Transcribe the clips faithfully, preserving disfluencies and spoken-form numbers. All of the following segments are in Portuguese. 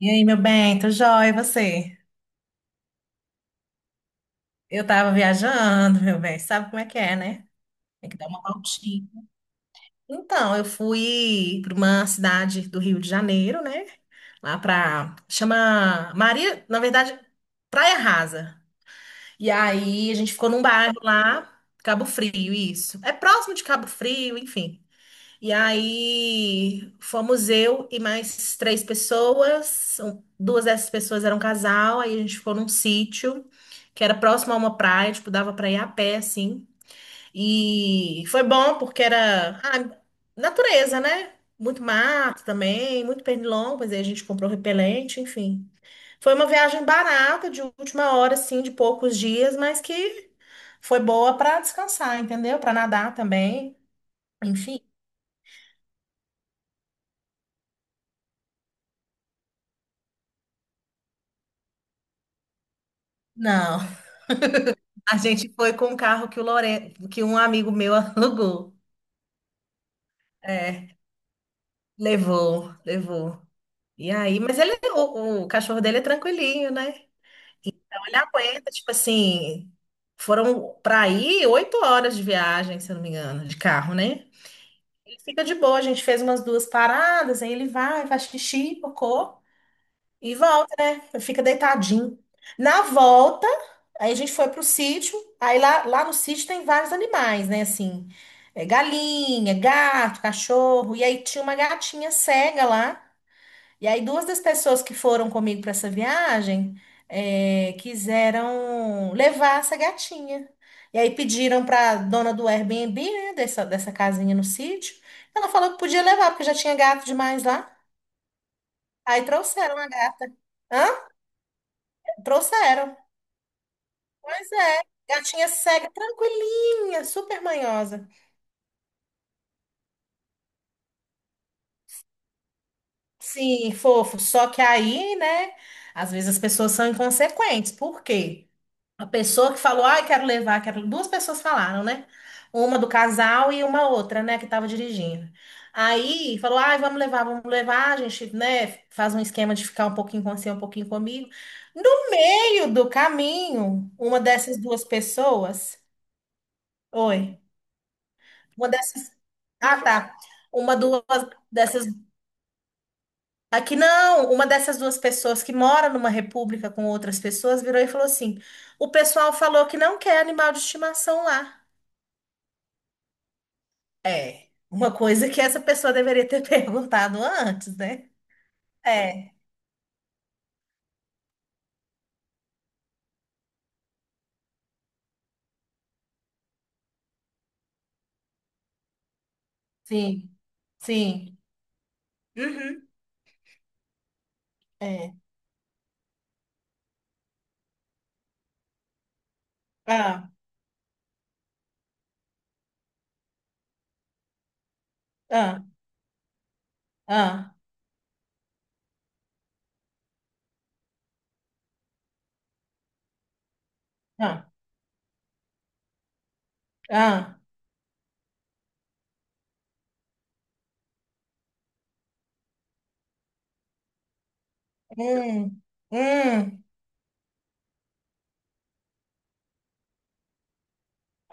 E aí, meu bem, tô jóia, e você? Eu tava viajando, meu bem, sabe como é que é, né? Tem que dar uma voltinha. Então, eu fui para uma cidade do Rio de Janeiro, né? Lá pra... Chama Maria, na verdade, Praia Rasa. E aí, a gente ficou num bairro lá, Cabo Frio, isso. É próximo de Cabo Frio, enfim. E aí fomos eu e mais três pessoas. Um- Duas dessas pessoas eram casal. Aí a gente ficou num sítio que era próximo a uma praia, tipo, dava pra ir a pé, assim. E foi bom porque era ah, natureza, né? Muito mato também, muito pernilongo, mas aí a gente comprou repelente, enfim. Foi uma viagem barata, de última hora, assim, de poucos dias, mas que foi boa pra descansar, entendeu? Pra nadar também, enfim. Não. A gente foi com um carro que o Lore... que um amigo meu alugou. É, levou, levou. E aí, mas ele, o, o cachorro dele é tranquilinho, né? Então ele aguenta, tipo assim, foram para aí oito horas de viagem, se eu não me engano, de carro, né? Ele fica de boa, a gente fez umas duas paradas, aí ele vai, faz xixi, cocô. E volta, né? Fica deitadinho. Na volta, aí a gente foi pro sítio. Aí lá, lá no sítio tem vários animais, né? Assim, é, galinha, gato, cachorro. E aí tinha uma gatinha cega lá. E aí duas das pessoas que foram comigo para essa viagem é, quiseram levar essa gatinha. E aí pediram para dona do Airbnb, né? Dessa, dessa casinha no sítio. Ela falou que podia levar, porque já tinha gato demais lá. Aí trouxeram a gata. Hã? Trouxeram. Pois é. Gatinha cega, tranquilinha, super manhosa. Sim, fofo. Só que aí, né? Às vezes as pessoas são inconsequentes. Por quê? A pessoa que falou, ai, quero levar, quero. Duas pessoas falaram, né? Uma do casal e uma outra, né, que tava dirigindo. Aí falou, ai, vamos levar, vamos levar. A gente, né, faz um esquema de ficar um pouquinho com você, um pouquinho comigo. No meio do caminho, uma dessas duas pessoas. Oi. Uma dessas. Ah, tá. Uma duas dessas. Aqui não, uma dessas duas pessoas que mora numa república com outras pessoas virou e falou assim: o pessoal falou que não quer animal de estimação lá. É, uma coisa que essa pessoa deveria ter perguntado antes, né? É, sim, sim. Uhum, é. Ah, ah, ah, ah, ah. Hum, hum.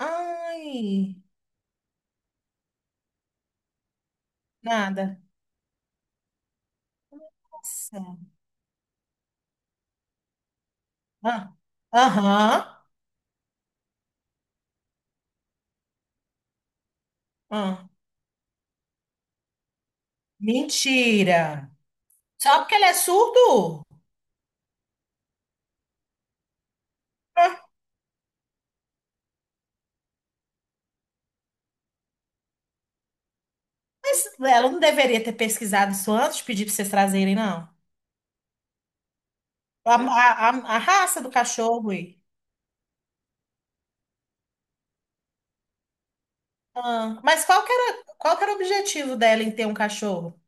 Ai, nada. Nossa. Ah, aham. ah. Mentira. Só porque ele é surdo? Ah, Mas ela não deveria ter pesquisado isso antes, de pedir para vocês trazerem, não. A, a- a- a raça do cachorro. e- Ah, mas qual que era, qual que era o objetivo dela em ter um cachorro?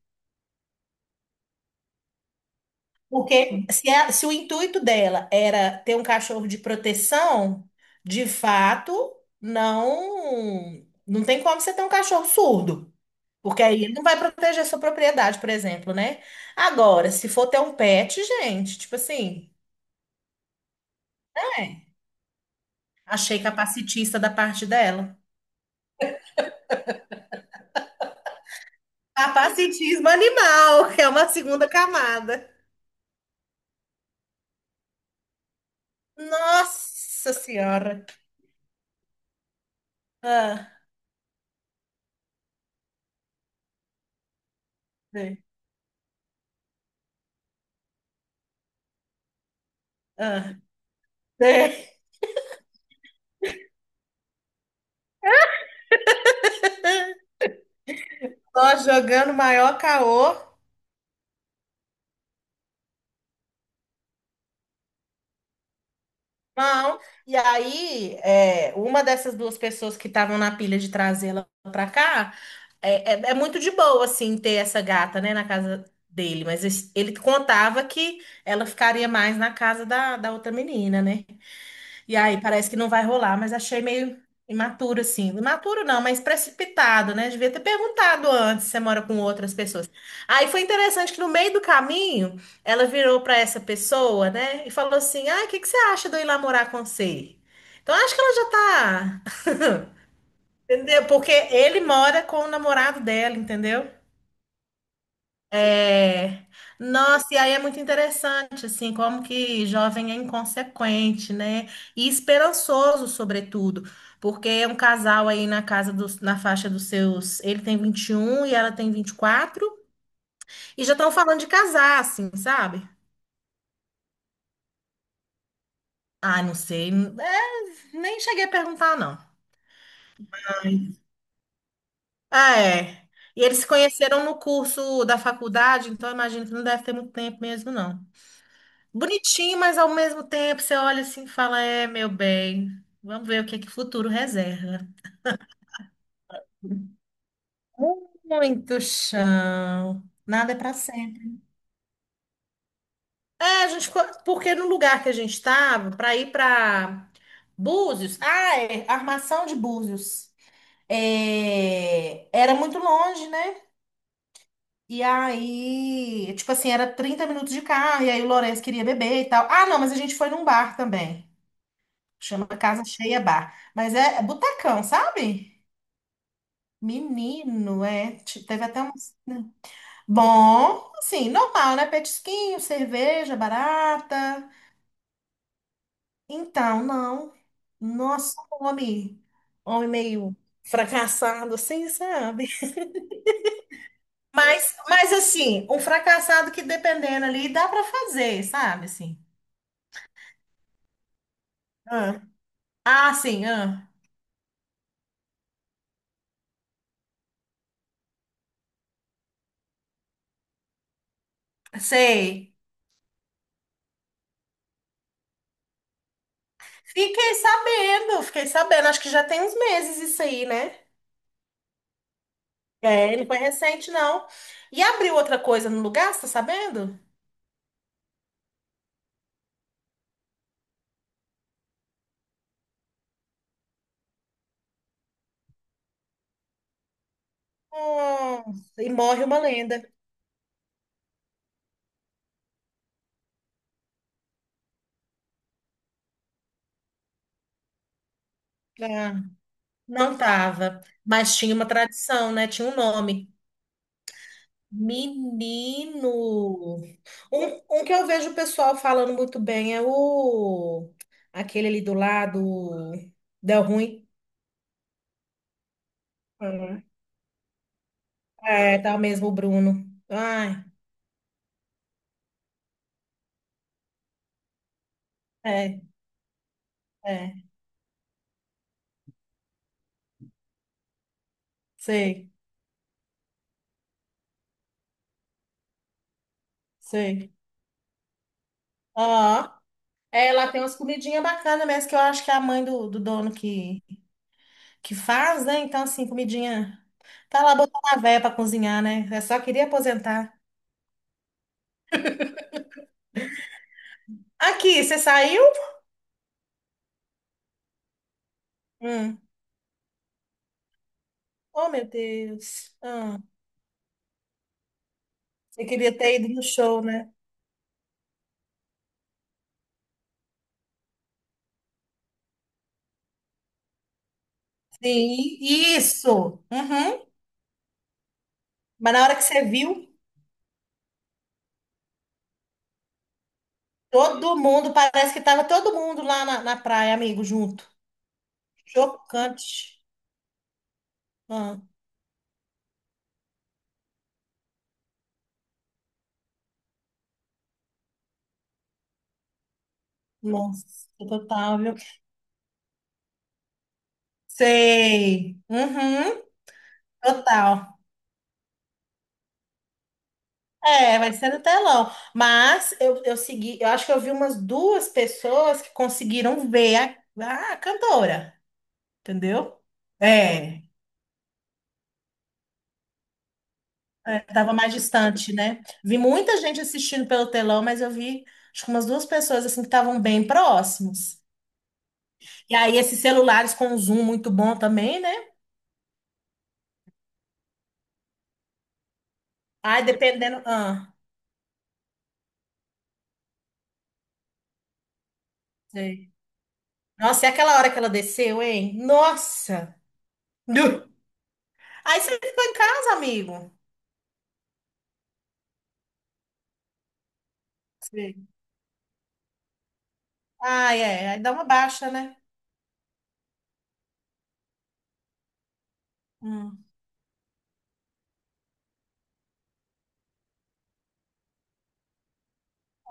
Porque se, a- se o intuito dela era ter um cachorro de proteção, de fato, não, não tem como você ter um cachorro surdo. Porque aí ele não vai proteger sua propriedade, por exemplo, né? Agora, se for ter um pet, gente, tipo assim, é, achei capacitista da parte dela. Capacitismo animal, que é uma segunda camada. Nossa Senhora. Ah, sei, ah, sei. Só jogando maior caô. Não. E aí, é, uma dessas duas pessoas que estavam na pilha de trazê-la pra cá, é, é, é muito de boa, assim, ter essa gata, né, na casa dele. Mas es- ele contava que ela ficaria mais na casa da, da outra menina, né? E aí parece que não vai rolar, mas achei meio imaturo, assim. Imaturo não, mas precipitado, né? Devia ter perguntado antes se você mora com outras pessoas. Aí foi interessante que no meio do caminho, ela virou para essa pessoa, né? E falou assim: Ah, o que que você acha de eu ir lá morar com você? Então acho que ela já tá. Entendeu? Porque ele mora com o namorado dela, entendeu? É, nossa, e aí é muito interessante, assim, como que jovem é inconsequente, né? E esperançoso, sobretudo, porque é um casal aí na casa dos, na faixa dos seus, ele tem vinte e um e ela tem vinte e quatro e já estão falando de casar, assim, sabe? Ah, não sei, é, nem cheguei a perguntar, não. Ah, é. E eles se conheceram no curso da faculdade, então eu imagino que não deve ter muito tempo mesmo, não. Bonitinho, mas ao mesmo tempo você olha assim e fala: É, meu bem, vamos ver o que é que o futuro reserva. Muito chão. Nada é para sempre. É, a gente, ficou- porque no lugar que a gente estava, para ir para Búzios, ah, é, Armação de Búzios, é, era muito longe, né? E aí, tipo assim, era trinta minutos de carro, e aí o Lourenço queria beber e tal. Ah, não, mas a gente foi num bar também. Chama Casa Cheia Bar. Mas é, é sabe? Menino, é. te- Teve até um. Bom, assim, normal, né? Petisquinho, cerveja barata. Então, não. Nossa, um homem. Homem meio fracassado, assim, sabe? Mas, mas assim, um fracassado que dependendo ali, dá pra fazer, sabe? Assim. Ah, ah, sim, ah. Sei. Fiquei sabendo, fiquei sabendo. Acho que já tem uns meses isso aí, né? É, ele foi recente, não. E abriu outra coisa no lugar, você tá sabendo? Nossa, e morre uma lenda. Ah, não tava, mas tinha uma tradição, né? Tinha um nome. Menino. Um, um que eu vejo o pessoal falando muito bem é o aquele ali do lado, deu ruim. Uhum. É, tá mesmo o Bruno. Ai, é, é, sei, sei. É, lá tem umas comidinhas bacanas mesmo, que eu acho que é a mãe do, do dono que, que faz, né? Então, assim, comidinha. Tá lá botando a véia pra cozinhar, né? Eu só queria aposentar. Aqui, você saiu? Hum. Oh, meu Deus. Hum. Você queria ter ido no show, né? Sim, isso. Uhum. Mas na hora que você viu, todo mundo, parece que tava todo mundo lá na, na praia, amigo, junto. Chocante. Hum. Nossa, total, viu? Sei. Uhum. Total. É, vai ser no telão. Mas eu, eu segui, eu acho que eu vi umas duas pessoas que conseguiram ver a, a cantora, entendeu? É, é, tava mais distante, né? Vi muita gente assistindo pelo telão, mas eu vi acho que umas duas pessoas assim que estavam bem próximos. E aí esses celulares com um zoom muito bom também, né? Ai, dependendo. Ah, sei. Nossa, e aquela hora que ela desceu, hein? Nossa! Nu. Aí você ficou em casa, amigo. Sei. Ai, é, aí dá uma baixa, né? Hum.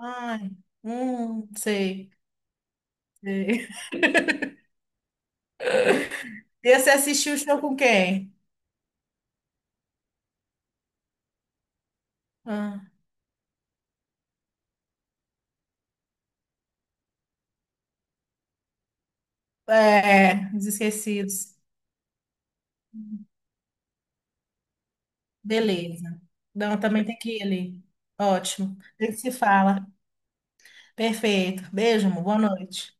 Ai, hum, sei, sei. E você assistiu o show com quem? Ah, é, os esquecidos. Beleza. Não, também tem que ir ali. Ótimo. A gente se fala. Perfeito. Beijo, amor. Boa noite.